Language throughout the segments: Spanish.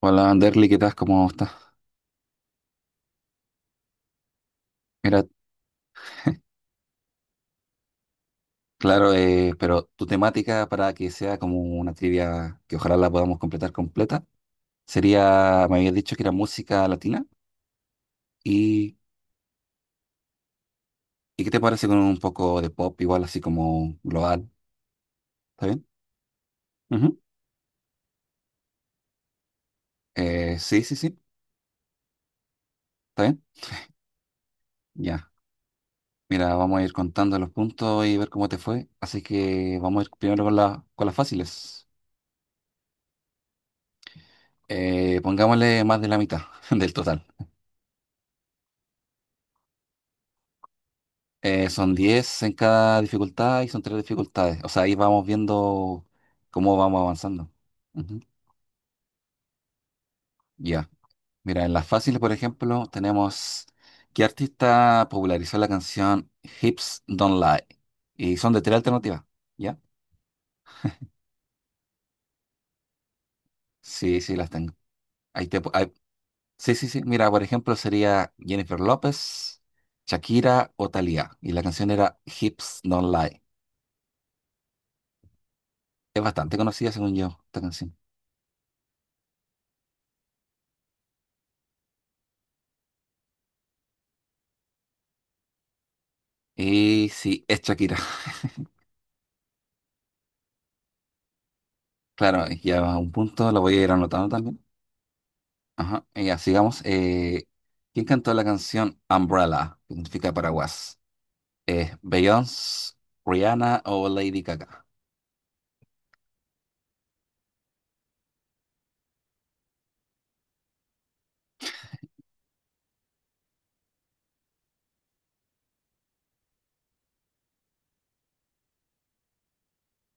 Hola, Anderly, ¿qué tal? ¿Cómo estás? Mira, claro, pero tu temática para que sea como una trivia que ojalá la podamos completar completa sería, me habías dicho que era música latina y, ¿y qué te parece con un poco de pop igual así como global? ¿Está bien? Ujú. Sí, sí, sí, ¿está bien? Ya. Mira, vamos a ir contando los puntos y ver cómo te fue. Así que vamos a ir primero con la, con las fáciles. Pongámosle más de la mitad del total. Son 10 en cada dificultad y son tres dificultades. O sea, ahí vamos viendo cómo vamos avanzando. Ujú. Ya. Mira, en las fáciles, por ejemplo, tenemos ¿qué artista popularizó la canción Hips Don't Lie? Y son de tres alternativas. ¿Ya? Sí, sí, las tengo. Ahí te, pu- ahí- sí, sí, sí. Mira, por ejemplo, sería Jennifer López, Shakira o Thalía. Y la canción era Hips Don't Lie. Es bastante conocida, según yo, esta canción. Y sí, es Shakira. Claro, ya a un punto lo voy a ir anotando también. Ajá, y ya sigamos. ¿Quién cantó la canción Umbrella, que significa paraguas? ¿Beyoncé, Rihanna o Lady Gaga?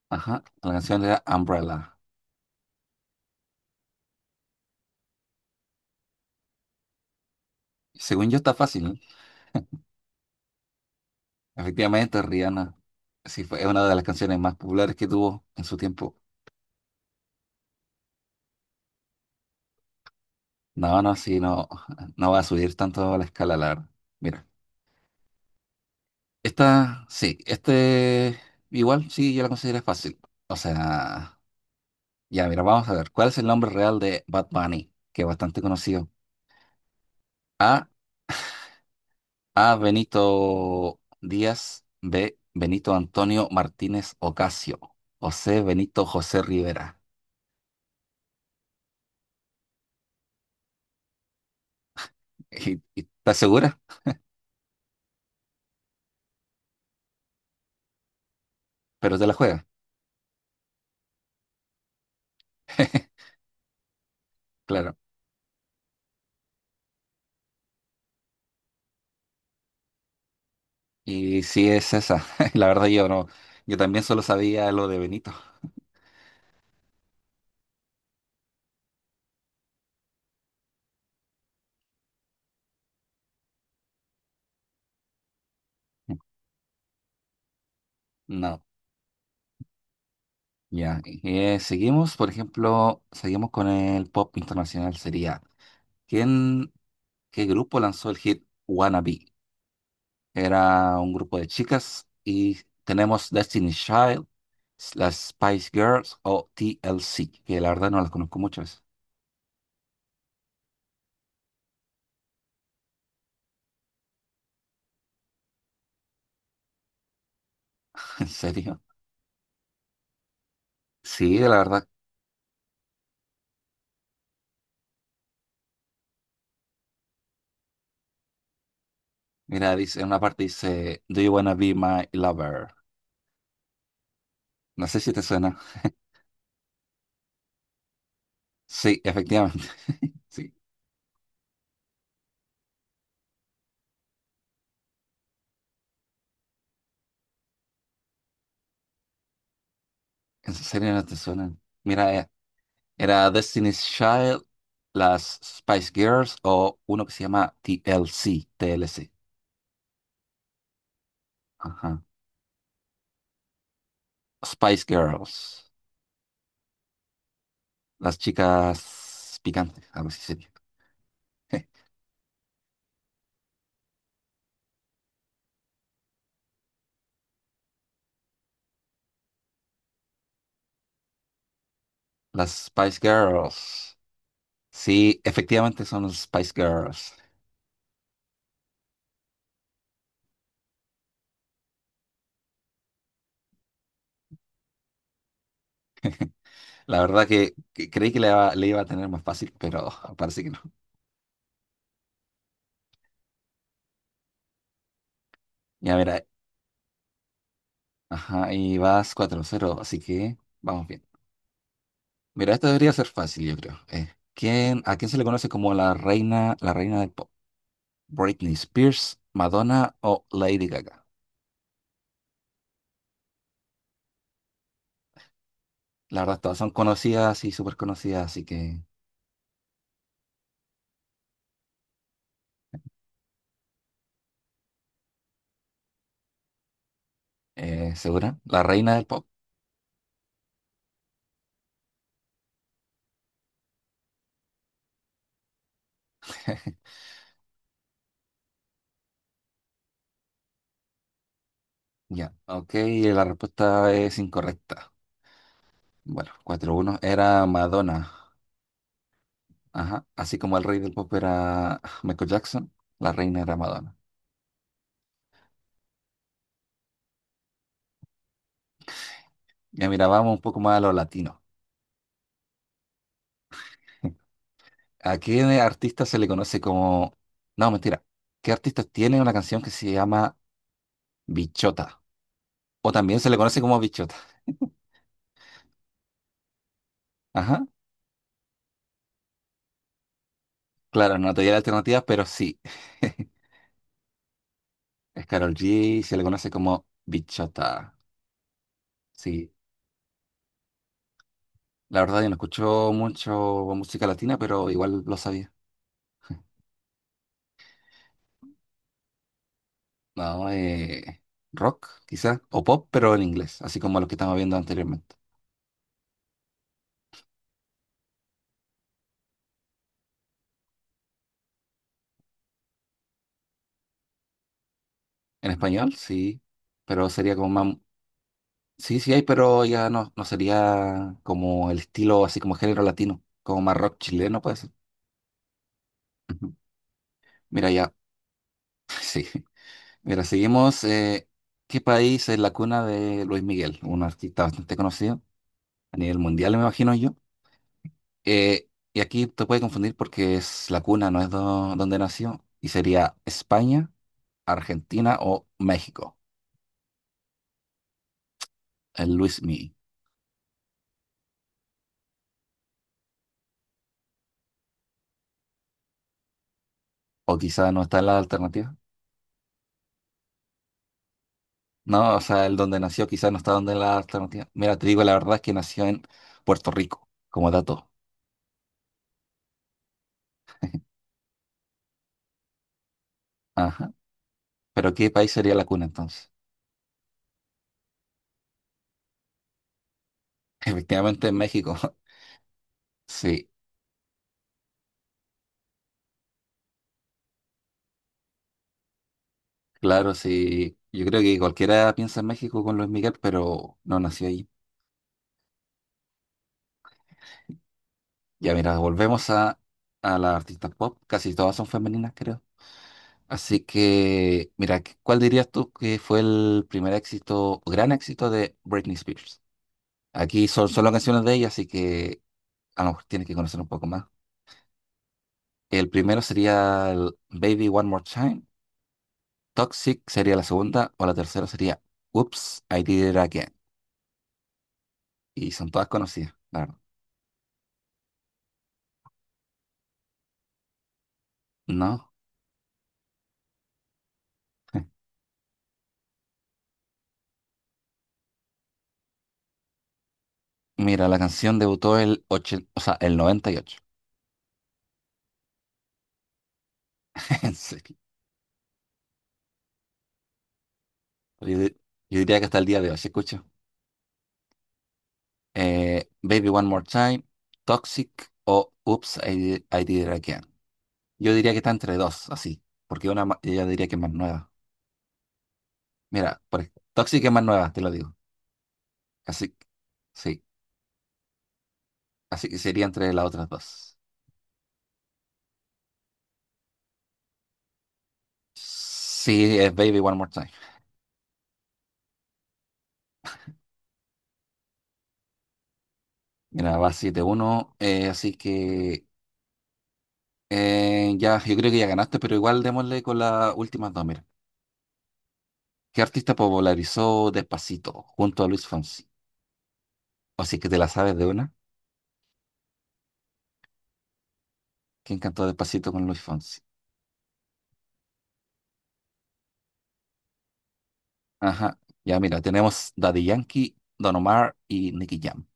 Ajá, la canción era Umbrella. Según yo está fácil, ¿eh? Efectivamente, Rihanna. Sí, fue una de las canciones más populares que tuvo en su tiempo. No, no, sí, no, no va a subir tanto la escala, la verdad. Mira, esta, sí, este, igual sí, yo la considero fácil. O sea... Ya, mira, vamos a ver. ¿Cuál es el nombre real de Bad Bunny? Que es bastante conocido. A. A. Benito Díaz. B. Benito Antonio Martínez Ocasio. O C. Benito José Rivera. ¿Y, estás segura? Pero te la juega. Claro. Y sí es esa. La verdad yo no. Yo también solo sabía lo de Benito. No. Ya. Seguimos, por ejemplo, seguimos con el pop internacional. Sería, ¿quién, qué grupo lanzó el hit Wannabe? Era un grupo de chicas y tenemos Destiny Child, las Spice Girls o TLC, que la verdad no las conozco muchas. ¿En serio? Sí, la verdad. Mira, dice, en una parte dice, Do you wanna be my lover? No sé si te suena. Sí, efectivamente. Sí, en serio no te suenan. Mira, era Destiny's Child, las Spice Girls o uno que se llama TLC, TLC. Ajá. Spice Girls, las chicas picantes, algo así. Las Spice Girls. Sí, efectivamente son los Spice Girls. La verdad que creí que le iba a tener más fácil, pero parece que no. Ya, mira, ajá, y vas 4-0, así que vamos bien. Mira, esto debería ser fácil, yo creo. ¿Quién, a quién se le conoce como la reina del pop? ¿Britney Spears, Madonna o Lady Gaga? La verdad, todas son conocidas y súper conocidas, así que, ¿segura? La reina del pop. Ya, ok, la respuesta es incorrecta. Bueno, 4-1 era Madonna. Ajá. Así como el rey del pop era Michael Jackson, la reina era Madonna. Ya mira, vamos un poco más a lo latino. ¿A qué artista se le conoce como... No, mentira. ¿Qué artista tiene una canción que se llama Bichota? O también se le conoce como Bichota. Ajá. Claro, no te di alternativas, pero sí. Es Karol G, se le conoce como Bichota. Sí. La verdad, yo no escucho mucho música latina, pero igual lo sabía. No, rock, quizás, o pop, pero en inglés, así como los que estamos viendo anteriormente. En español, sí, pero sería como más... Sí, sí hay, pero ya no, no sería como el estilo, así como género latino, como más rock chileno puede ser. Ujú. Mira, ya, sí. Mira, seguimos. ¿Qué país es la cuna de Luis Miguel? Un artista bastante conocido a nivel mundial, me imagino yo. Y aquí te puede confundir porque es la cuna, no es donde nació, y sería España, Argentina o México, el Luis Miguel. O quizá no está en la alternativa. No, o sea, el donde nació quizá no está donde en la alternativa. Mira, te digo la verdad es que nació en Puerto Rico, como dato. Ajá. Pero ¿qué país sería la cuna entonces? Efectivamente en México. Sí, claro, sí. Yo creo que cualquiera piensa en México con Luis Miguel, pero no nació ahí. Ya mira, volvemos a las artistas pop. Casi todas son femeninas, creo. Así que, mira, ¿cuál dirías tú que fue el primer éxito, o gran éxito de Britney Spears? Aquí son solo canciones de ella, así que a lo mejor tienes que conocer un poco más. El primero sería el Baby One More Time, Toxic sería la segunda, o la tercera sería Oops, I Did It Again. Y son todas conocidas, la verdad. ¿No? Mira, la canción debutó o sea, el 98. En serio. Yo, di- yo diría que hasta el día de hoy se escucha. Baby One More Time, Toxic o Oops, I Did It Again. Yo diría que está entre dos, así, porque yo diría que es más nueva. Mira, Toxic es más nueva, te lo digo. Así, que- sí, así que sería entre las otras dos. Sí, es Baby One More Time. Mira, va 7-1, así que ya, yo creo que ya ganaste, pero igual démosle con las últimas dos, mira. ¿Qué artista popularizó Despacito junto a Luis Fonsi? O si es que te la sabes de una, ¿quién cantó Despacito con Luis Fonsi? Ajá. Ya, mira, tenemos Daddy Yankee, Don Omar y Nicky Jam.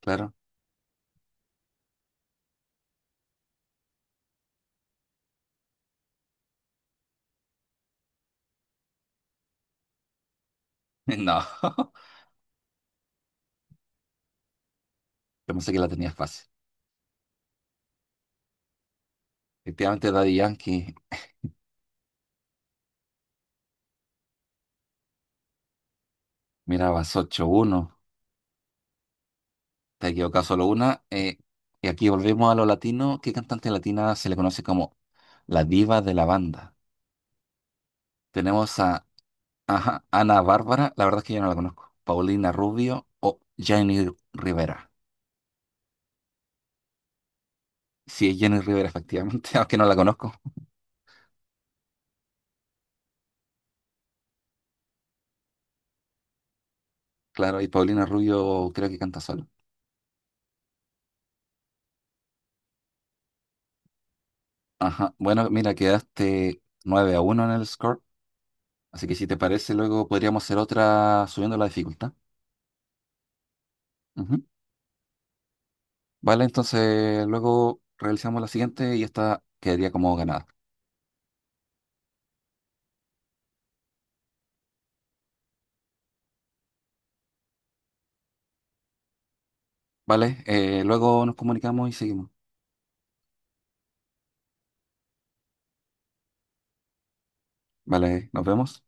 Claro. No, yo pensé que la tenía fácil. Efectivamente, Daddy Yankee, mira, vas 8-1. Te equivocado solo una. Y aquí volvemos a lo latino. ¿Qué cantante latina se le conoce como la diva de la banda? Tenemos a ajá, Ana Bárbara, la verdad es que yo no la conozco. Paulina Rubio o Jenny Rivera. Sí, es Jenny Rivera, efectivamente, aunque no la conozco. Claro, y Paulina Rubio creo que canta sola. Ajá. Bueno, mira, quedaste 9-1 en el score. Así que si te parece, luego podríamos hacer otra subiendo la dificultad. Ujú. Vale, entonces luego realizamos la siguiente y esta quedaría como ganada. Vale, luego nos comunicamos y seguimos. Vale, nos vemos.